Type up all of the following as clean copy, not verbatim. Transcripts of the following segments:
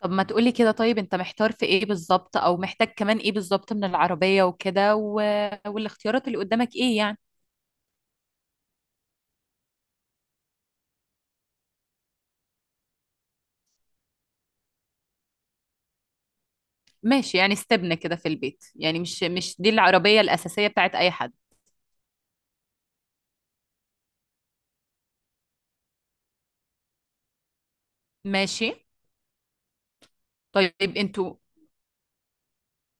طب ما تقولي كده. طيب انت محتار في ايه بالظبط، او محتاج كمان ايه بالظبط من العربية وكده والاختيارات اللي قدامك ايه يعني؟ ماشي، يعني استبنى كده في البيت، يعني مش دي العربية الأساسية بتاعت أي حد. ماشي. طيب انتوا.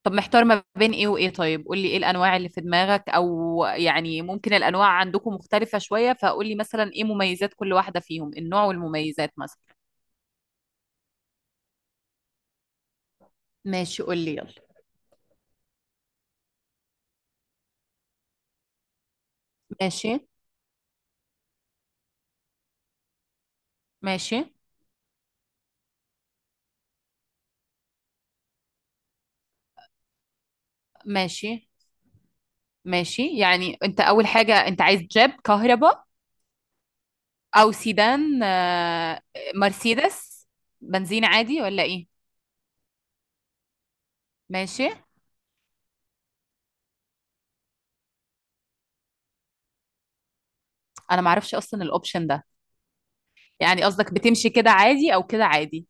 طب محتار ما بين ايه وايه؟ طيب قولي ايه الأنواع اللي في دماغك، او يعني ممكن الأنواع عندكم مختلفة شوية، فقولي مثلا ايه مميزات كل واحدة فيهم، النوع والمميزات مثلا. ماشي قولي يلا. ماشي، ماشي، ماشي، ماشي. يعني انت اول حاجة انت عايز جيب كهرباء او سيدان مرسيدس، بنزين عادي ولا ايه؟ ماشي. انا معرفش اصلا الاوبشن ده. يعني قصدك بتمشي كده عادي او كده عادي؟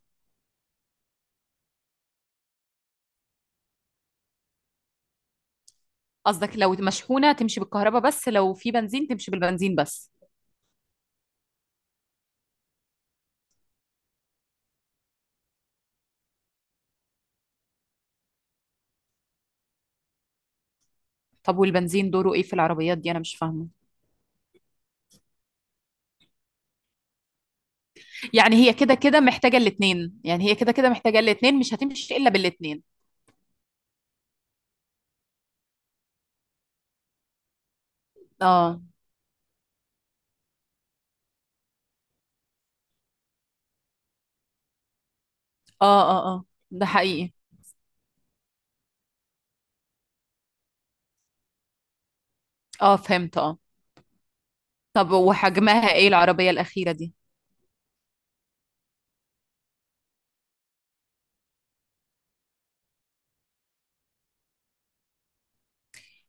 قصدك لو مشحونة تمشي بالكهرباء بس، لو في بنزين تمشي بالبنزين بس؟ طب والبنزين دوره ايه في العربيات دي؟ انا مش فاهمة. يعني هي كده كده محتاجة الاتنين، يعني هي كده كده محتاجة الاتنين، مش هتمشي الا بالاتنين؟ اه، اه، اه، اه. ده حقيقي. اه فهمت اه. طب وحجمها ايه العربية الأخيرة دي؟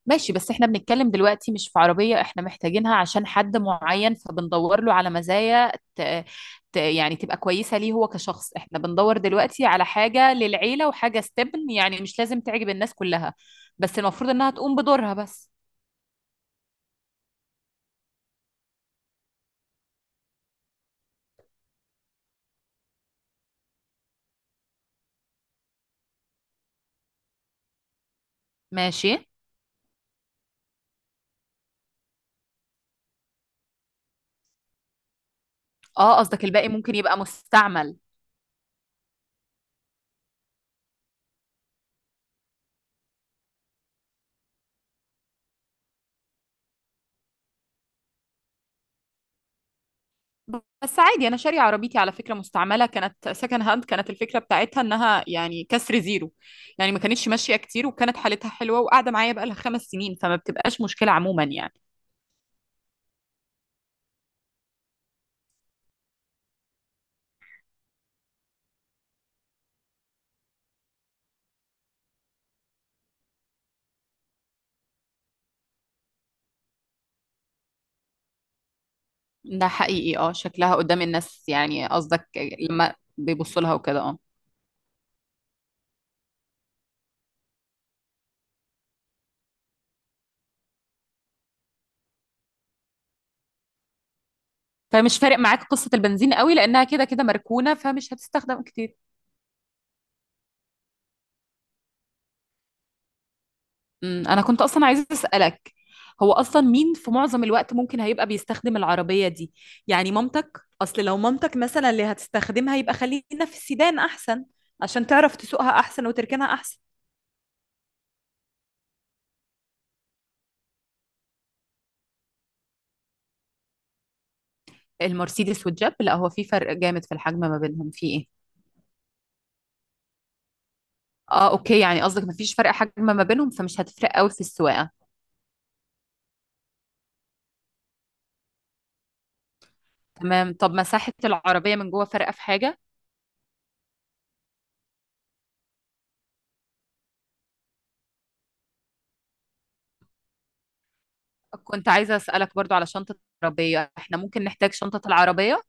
ماشي، بس احنا بنتكلم دلوقتي مش في عربية احنا محتاجينها عشان حد معين، فبندور له على مزايا يعني تبقى كويسة ليه هو كشخص. احنا بندور دلوقتي على حاجة للعيلة وحاجة استبن، يعني مش لازم تعجب الناس كلها، بس المفروض انها تقوم بدورها بس. ماشي. اه قصدك الباقي ممكن يبقى مستعمل؟ بس عادي، انا شارية عربيتي على فكرة مستعملة، كانت سكند هاند، كانت الفكرة بتاعتها انها يعني كسر زيرو، يعني ما كانتش ماشية كتير، وكانت حالتها حلوة، وقاعدة معايا بقالها 5 سنين، فما بتبقاش مشكلة عموما يعني. ده حقيقي. اه شكلها قدام الناس يعني قصدك؟ لما بيبصوا لها وكده اه. فمش فارق معاك قصة البنزين قوي لانها كده كده مركونة، فمش هتستخدم كتير. انا كنت اصلا عايزه اسالك، هو اصلا مين في معظم الوقت ممكن هيبقى بيستخدم العربيه دي؟ يعني مامتك، اصل لو مامتك مثلا اللي هتستخدمها يبقى خلينا في السيدان احسن، عشان تعرف تسوقها احسن وتركنها احسن. المرسيدس والجيب لا، هو في فرق جامد في الحجم ما بينهم في ايه؟ اه اوكي، يعني قصدك مفيش فرق حجم ما بينهم، فمش هتفرق قوي في السواقه. تمام. طب مساحه العربيه من جوه فارقه في حاجه؟ كنت عايزه اسالك برضو على شنطه العربيه، احنا ممكن نحتاج شنطه العربيه.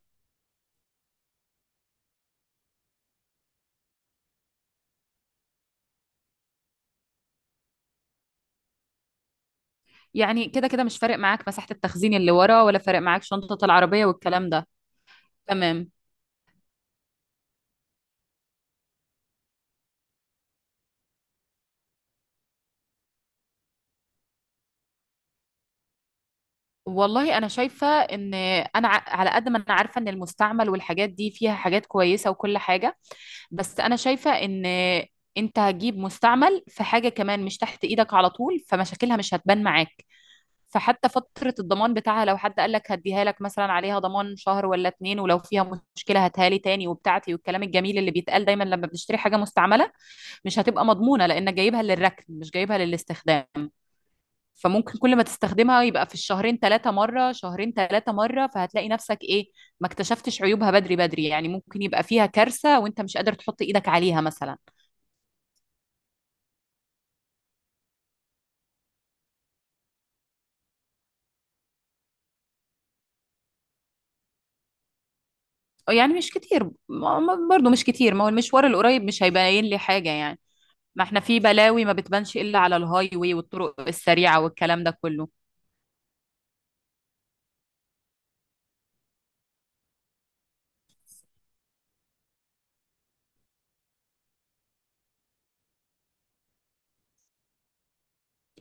يعني كده كده مش فارق معاك مساحة التخزين اللي ورا، ولا فارق معاك شنطة العربية والكلام ده. تمام. والله انا شايفة ان، انا على قد ما انا عارفة ان المستعمل والحاجات دي فيها حاجات كويسة وكل حاجة، بس انا شايفة ان انت هتجيب مستعمل في حاجة كمان مش تحت ايدك على طول، فمشاكلها مش هتبان معاك. فحتى فترة الضمان بتاعها لو حد قال لك هديها لك مثلا عليها ضمان شهر ولا 2، ولو فيها مشكلة هاتها لي تاني وبتاعتي والكلام الجميل اللي بيتقال دايما لما بنشتري حاجة مستعملة، مش هتبقى مضمونة لأنك جايبها للركن مش جايبها للاستخدام. فممكن كل ما تستخدمها يبقى في الشهرين 3 مرة، شهرين 3 مرة، فهتلاقي نفسك إيه، ما اكتشفتش عيوبها بدري بدري، يعني ممكن يبقى فيها كارثة وأنت مش قادر تحط إيدك عليها مثلا. يعني مش كتير برضو مش كتير، ما هو المشوار القريب مش هيبين لي حاجة يعني. ما احنا في بلاوي ما بتبانش إلا على الهاي واي والطرق السريعة والكلام ده كله.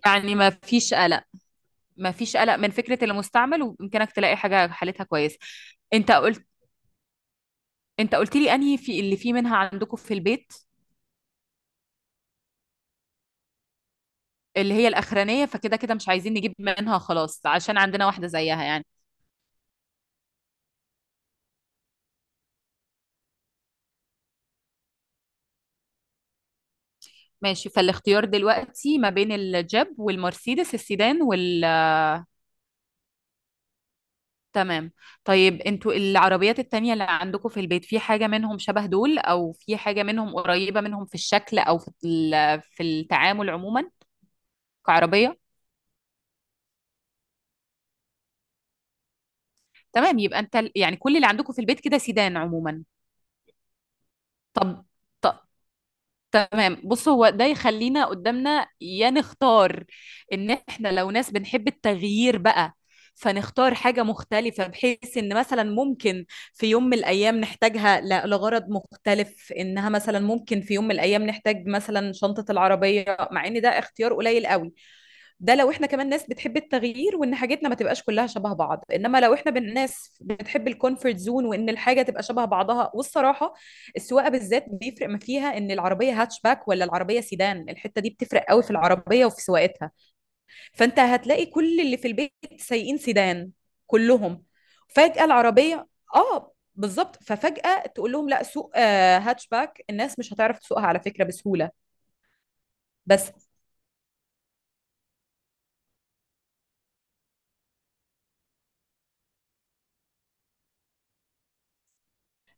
يعني ما فيش قلق، ما فيش قلق من فكرة المستعمل، ويمكنك تلاقي حاجة حالتها كويسة. انت قلت، انت قلت لي انهي في اللي فيه منها عندكم في البيت؟ اللي هي الاخرانيه، فكده كده مش عايزين نجيب منها خلاص عشان عندنا واحده زيها يعني. ماشي، فالاختيار دلوقتي ما بين الجيب والمرسيدس السيدان تمام. طيب انتوا العربيات التانية اللي عندكم في البيت في حاجه منهم شبه دول، او في حاجه منهم قريبه منهم في الشكل او في في التعامل عموما كعربيه؟ تمام، يبقى انت يعني كل اللي عندكم في البيت كده سيدان عموما. طب ط- تمام. بص هو ده يخلينا قدامنا يا نختار ان احنا لو ناس بنحب التغيير بقى، فنختار حاجة مختلفة، بحيث ان مثلا ممكن في يوم من الايام نحتاجها لغرض مختلف، انها مثلا ممكن في يوم من الايام نحتاج مثلا شنطة العربية، مع ان ده اختيار قليل قوي. ده لو احنا كمان ناس بتحب التغيير، وان حاجتنا ما تبقاش كلها شبه بعض. انما لو احنا ناس بتحب الكونفورت زون، وان الحاجه تبقى شبه بعضها، والصراحه السواقه بالذات بيفرق، ما فيها ان العربيه هاتشباك ولا العربيه سيدان، الحته دي بتفرق قوي في العربيه وفي سواقتها. فانت هتلاقي كل اللي في البيت سايقين سيدان كلهم، فجاه العربيه اه بالظبط، ففجاه تقول لهم لا سوق هاتشباك، الناس مش هتعرف تسوقها على فكره بسهوله. بس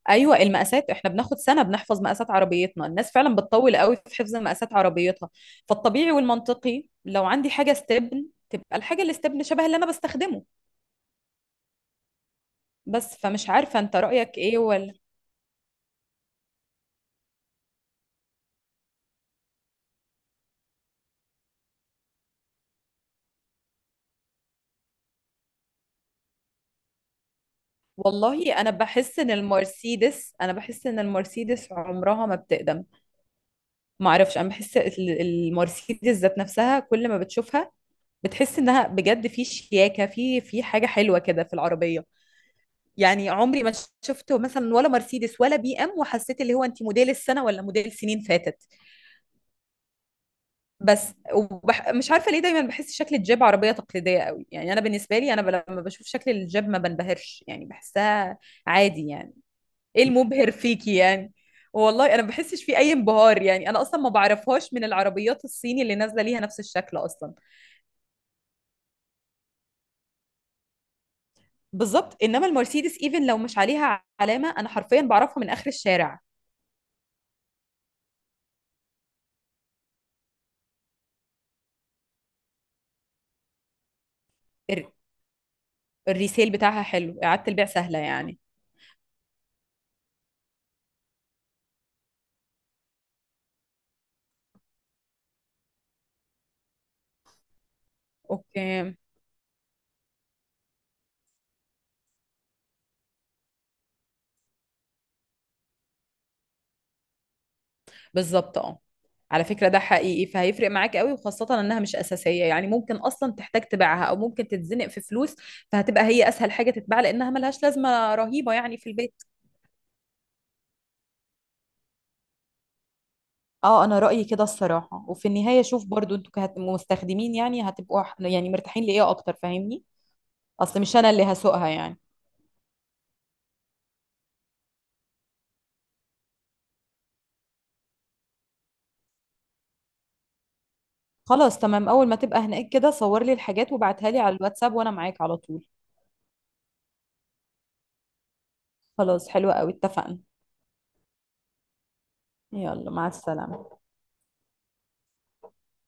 ايوه، المقاسات احنا بناخد سنه بنحفظ مقاسات عربيتنا، الناس فعلا بتطول قوي في حفظ مقاسات عربيتها. فالطبيعي والمنطقي لو عندي حاجه استبن تبقى الحاجه اللي استبن شبه اللي انا بستخدمه بس، فمش عارفه انت رايك ايه ولا. والله انا بحس ان المرسيدس، انا بحس ان المرسيدس عمرها ما بتقدم، ما اعرفش، انا بحس المرسيدس ذات نفسها كل ما بتشوفها بتحس انها بجد في شياكه، في حاجه حلوه كده في العربيه. يعني عمري ما شفته مثلا ولا مرسيدس ولا بي ام وحسيت اللي هو انت موديل السنه ولا موديل سنين فاتت. مش عارفه ليه دايما بحس شكل الجيب عربيه تقليديه قوي، يعني انا بالنسبه لي، انا لما بشوف شكل الجيب ما بنبهرش، يعني بحسها عادي يعني. ايه المبهر فيكي يعني؟ والله انا ما بحسش في اي انبهار يعني، انا اصلا ما بعرفهاش من العربيات الصيني اللي نازله ليها نفس الشكل اصلا. بالظبط، انما المرسيدس ايفن لو مش عليها علامه انا حرفيا بعرفها من اخر الشارع. الر- الريسيل بتاعها حلو، اعاده البيع سهله يعني. اوكي. بالظبط اه. على فكرة ده حقيقي، فهيفرق معاك قوي، وخاصة انها مش اساسية، يعني ممكن اصلا تحتاج تبيعها او ممكن تتزنق في فلوس، فهتبقى هي اسهل حاجة تتباع لانها ملهاش لازمة رهيبة يعني في البيت. اه انا رأيي كده الصراحة، وفي النهاية شوف برضو انتوا كمستخدمين يعني هتبقوا يعني مرتاحين لايه اكتر، فاهمني؟ اصل مش انا اللي هسوقها يعني. خلاص تمام، اول ما تبقى هناك كده صور لي الحاجات وابعتها لي على الواتساب وانا معاك على طول. خلاص حلوة قوي، اتفقنا. يلا، مع السلامة.